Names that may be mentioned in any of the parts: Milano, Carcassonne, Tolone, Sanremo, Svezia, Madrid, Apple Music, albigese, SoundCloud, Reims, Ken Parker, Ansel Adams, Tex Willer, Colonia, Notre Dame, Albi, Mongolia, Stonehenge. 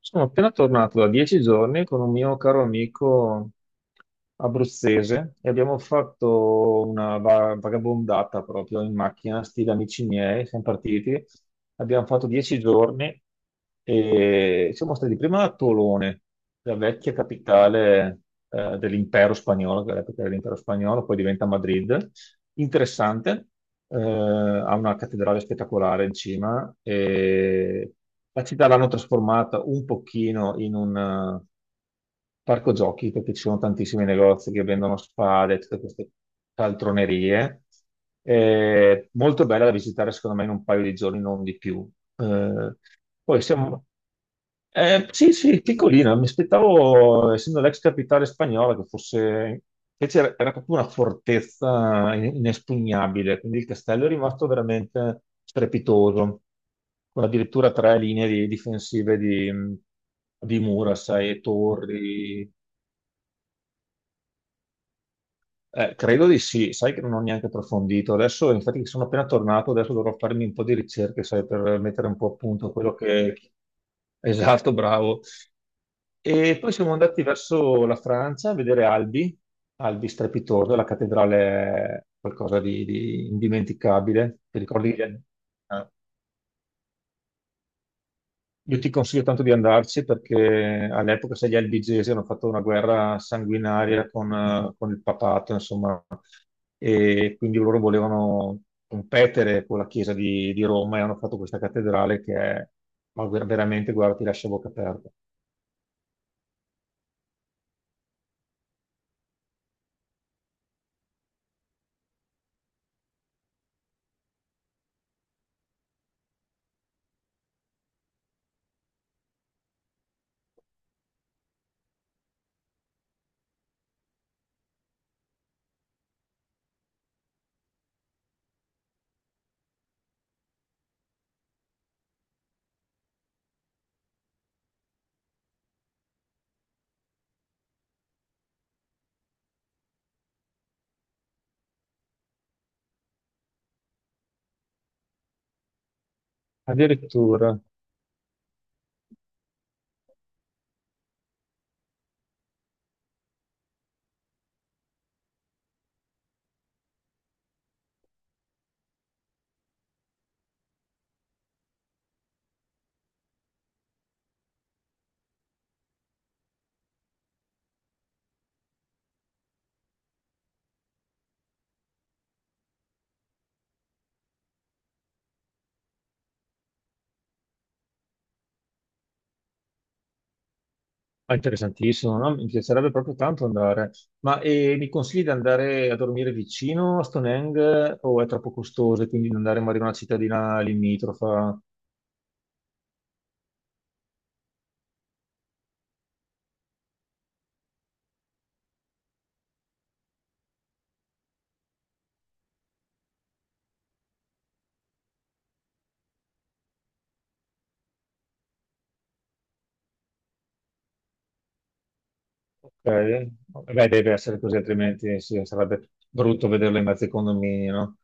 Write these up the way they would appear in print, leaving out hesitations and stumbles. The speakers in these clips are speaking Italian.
Sono appena tornato da 10 giorni con un mio caro amico abruzzese e abbiamo fatto una vagabondata proprio in macchina, stile amici miei, siamo partiti. Abbiamo fatto 10 giorni e siamo stati prima a Tolone, la vecchia capitale dell'impero spagnolo, che all'epoca era l'impero spagnolo, poi diventa Madrid. Interessante, ha una cattedrale spettacolare in cima e la città l'hanno trasformata un pochino in un parco giochi perché ci sono tantissimi negozi che vendono spade, tutte queste caltronerie. È molto bella da visitare, secondo me, in un paio di giorni, non di più. Eh, poi siamo. Sì, sì, piccolina. Mi aspettavo, essendo l'ex capitale spagnola, che fosse. Invece era proprio una fortezza inespugnabile, quindi il castello è rimasto veramente strepitoso con addirittura tre linee difensive di mura, sai, e torri. Credo di sì, sai che non ho neanche approfondito. Adesso, infatti, sono appena tornato, adesso dovrò farmi un po' di ricerche, sai, per mettere un po' a punto quello che Esatto, bravo. E poi siamo andati verso la Francia a vedere Albi, Albi strepitoso, la cattedrale è qualcosa di indimenticabile. Ti ricordi? Io ti consiglio tanto di andarci perché all'epoca, sai, gli albigesi hanno fatto una guerra sanguinaria con il papato, insomma, e quindi loro volevano competere con la chiesa di Roma e hanno fatto questa cattedrale che è, ma veramente, guarda, ti lascia a bocca aperta. Addirittura, è interessantissimo, no? Mi piacerebbe proprio tanto andare. Ma mi consigli di andare a dormire vicino a Stonehenge o è troppo costoso e quindi di andare magari in una cittadina limitrofa? Ok. Beh, deve essere così, altrimenti sì, sarebbe brutto vederlo in mezzo ai condomini, no?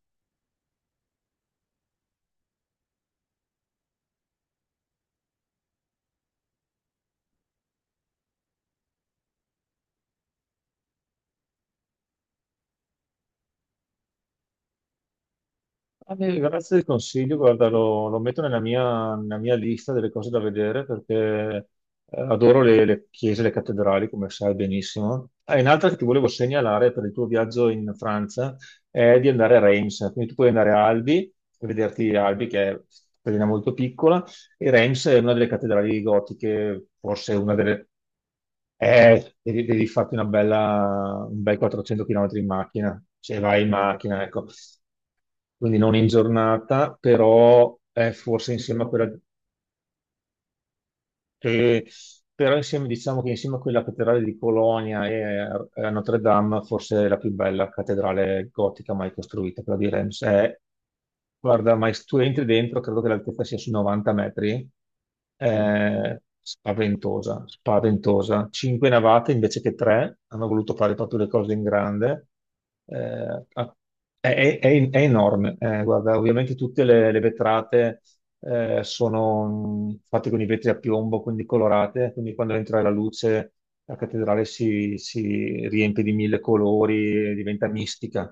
Ah, beh, grazie del consiglio, guarda, lo metto nella mia lista delle cose da vedere perché adoro le chiese, le cattedrali, come sai benissimo. Ah, e un'altra che ti volevo segnalare per il tuo viaggio in Francia è di andare a Reims, quindi tu puoi andare a Albi, per vederti Albi che è una cittadina molto piccola, e Reims è una delle cattedrali gotiche, forse una delle. Devi farti una bella, un bel 400 km in macchina, se vai in macchina, ecco. Quindi non in giornata, però forse insieme a quella che, però insieme, diciamo che insieme a quella cattedrale di Colonia e a Notre Dame, forse è la più bella cattedrale gotica mai costruita, quella di Reims. Guarda, ma se tu entri dentro, credo che l'altezza sia sui 90 metri, è spaventosa, spaventosa. Cinque navate invece che tre, hanno voluto fare proprio le cose in grande. Eh, ha- è enorme. Guarda, ovviamente tutte le vetrate sono fatte con i vetri a piombo, quindi colorate, quindi quando entra la luce la cattedrale si riempie di mille colori e diventa mistica.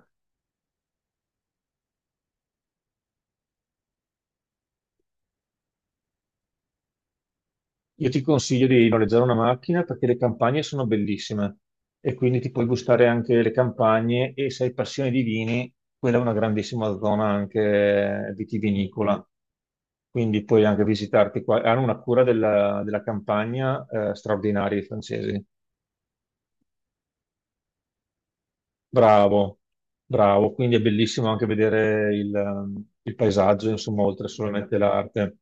Io ti consiglio di noleggiare una macchina perché le campagne sono bellissime e quindi ti puoi gustare anche le campagne e se hai passione di vini, quella è una grandissima zona anche vitivinicola. Quindi puoi anche visitarti qua. Hanno una cura della campagna straordinaria i francesi. Bravo, bravo, quindi è bellissimo anche vedere il paesaggio, insomma, oltre solamente l'arte.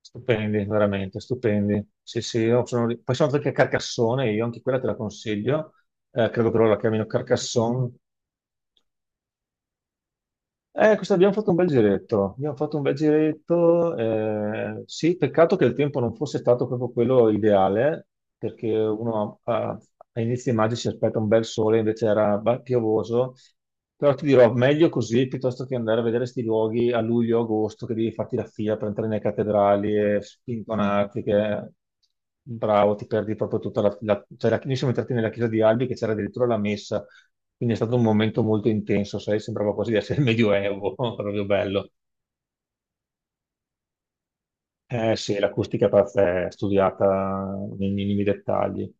Stupendi, veramente, stupendi. Sì, sì. Poi sono andato anche a Carcassonne, io anche quella te la consiglio. Credo che loro la chiamino Carcassonne. Questo abbiamo fatto un bel giretto, abbiamo fatto un bel giretto, sì, peccato che il tempo non fosse stato proprio quello ideale, perché uno a inizio maggio si aspetta un bel sole, invece era piovoso, però ti dirò, meglio così piuttosto che andare a vedere questi luoghi a luglio, agosto, che devi farti la fila per entrare nelle cattedrali e spintonarti, che bravo, ti perdi proprio tutta cioè, noi siamo entrati nella chiesa di Albi che c'era addirittura la messa, quindi è stato un momento molto intenso, sai, sembrava quasi di essere il Medioevo, proprio bello. Eh sì, l'acustica è studiata nei minimi dettagli.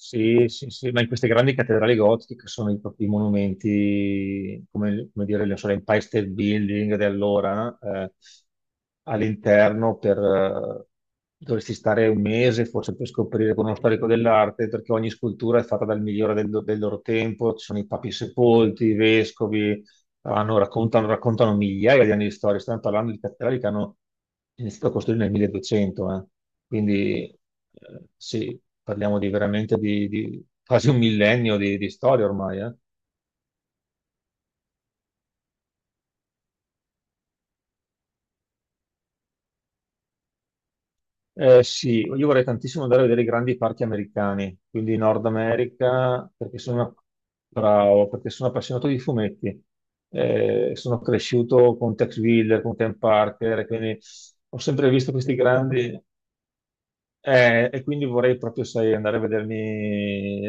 Sì, sì, sì, ma in queste grandi cattedrali gotiche che sono i propri monumenti, come dire, non so, l'Empire State Building di allora, all'interno dovresti stare un mese forse per scoprire con uno storico dell'arte, perché ogni scultura è fatta dal migliore del loro tempo, ci sono i papi sepolti, i vescovi. Raccontano, raccontano migliaia di anni di storia. Stiamo parlando di cattedrali che hanno iniziato a costruire nel 1200. Quindi sì, parliamo di veramente di quasi un millennio di storia ormai. Sì, io vorrei tantissimo andare a vedere i grandi parchi americani, quindi Nord America, perché sono bravo, perché sono appassionato di fumetti. Sono cresciuto con Tex Willer, con Ken Parker, quindi ho sempre visto questi grandi. E quindi vorrei proprio, sai, andare a vedermi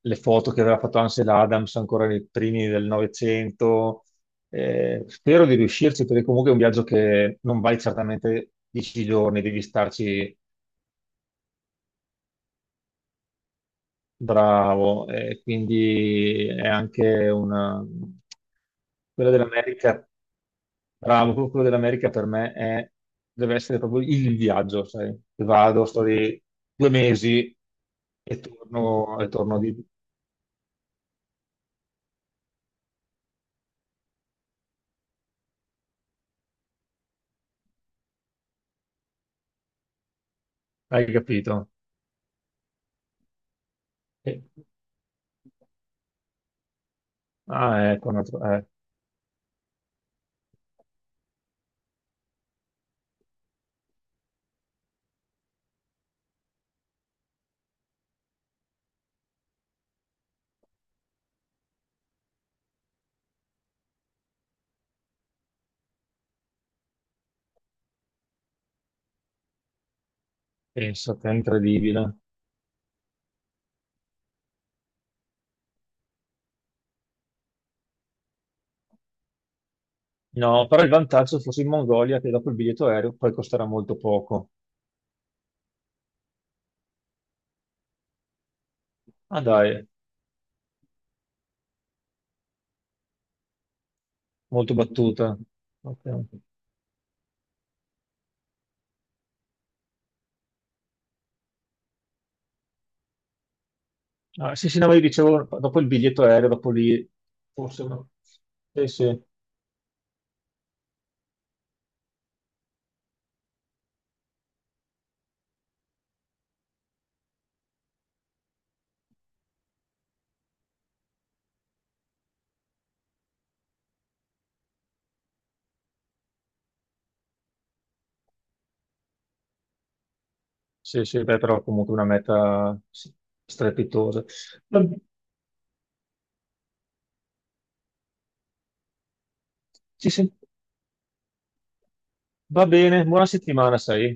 le foto che aveva fatto Ansel Adams ancora nei primi del Novecento. Spero di riuscirci, perché comunque è un viaggio che non vai certamente 10 giorni, devi starci bravo. E quindi è anche quella dell'America, bravo, proprio quello dell'America per me deve essere proprio il viaggio, sai? Vado, sto lì 2 mesi e torno di Hai capito? Sì. Ah, ecco, pensate, è incredibile. No, però il vantaggio fosse in Mongolia che dopo il biglietto aereo poi costerà molto poco. Ah dai, molto battuta. Ok. Ah, sì, sì, no, ma io dicevo, dopo il biglietto aereo, dopo lì, forse no. Sì, sì, sì, sì, beh, però comunque una meta sì, strepitosa. Va, ci sen- va bene, buona settimana, sai?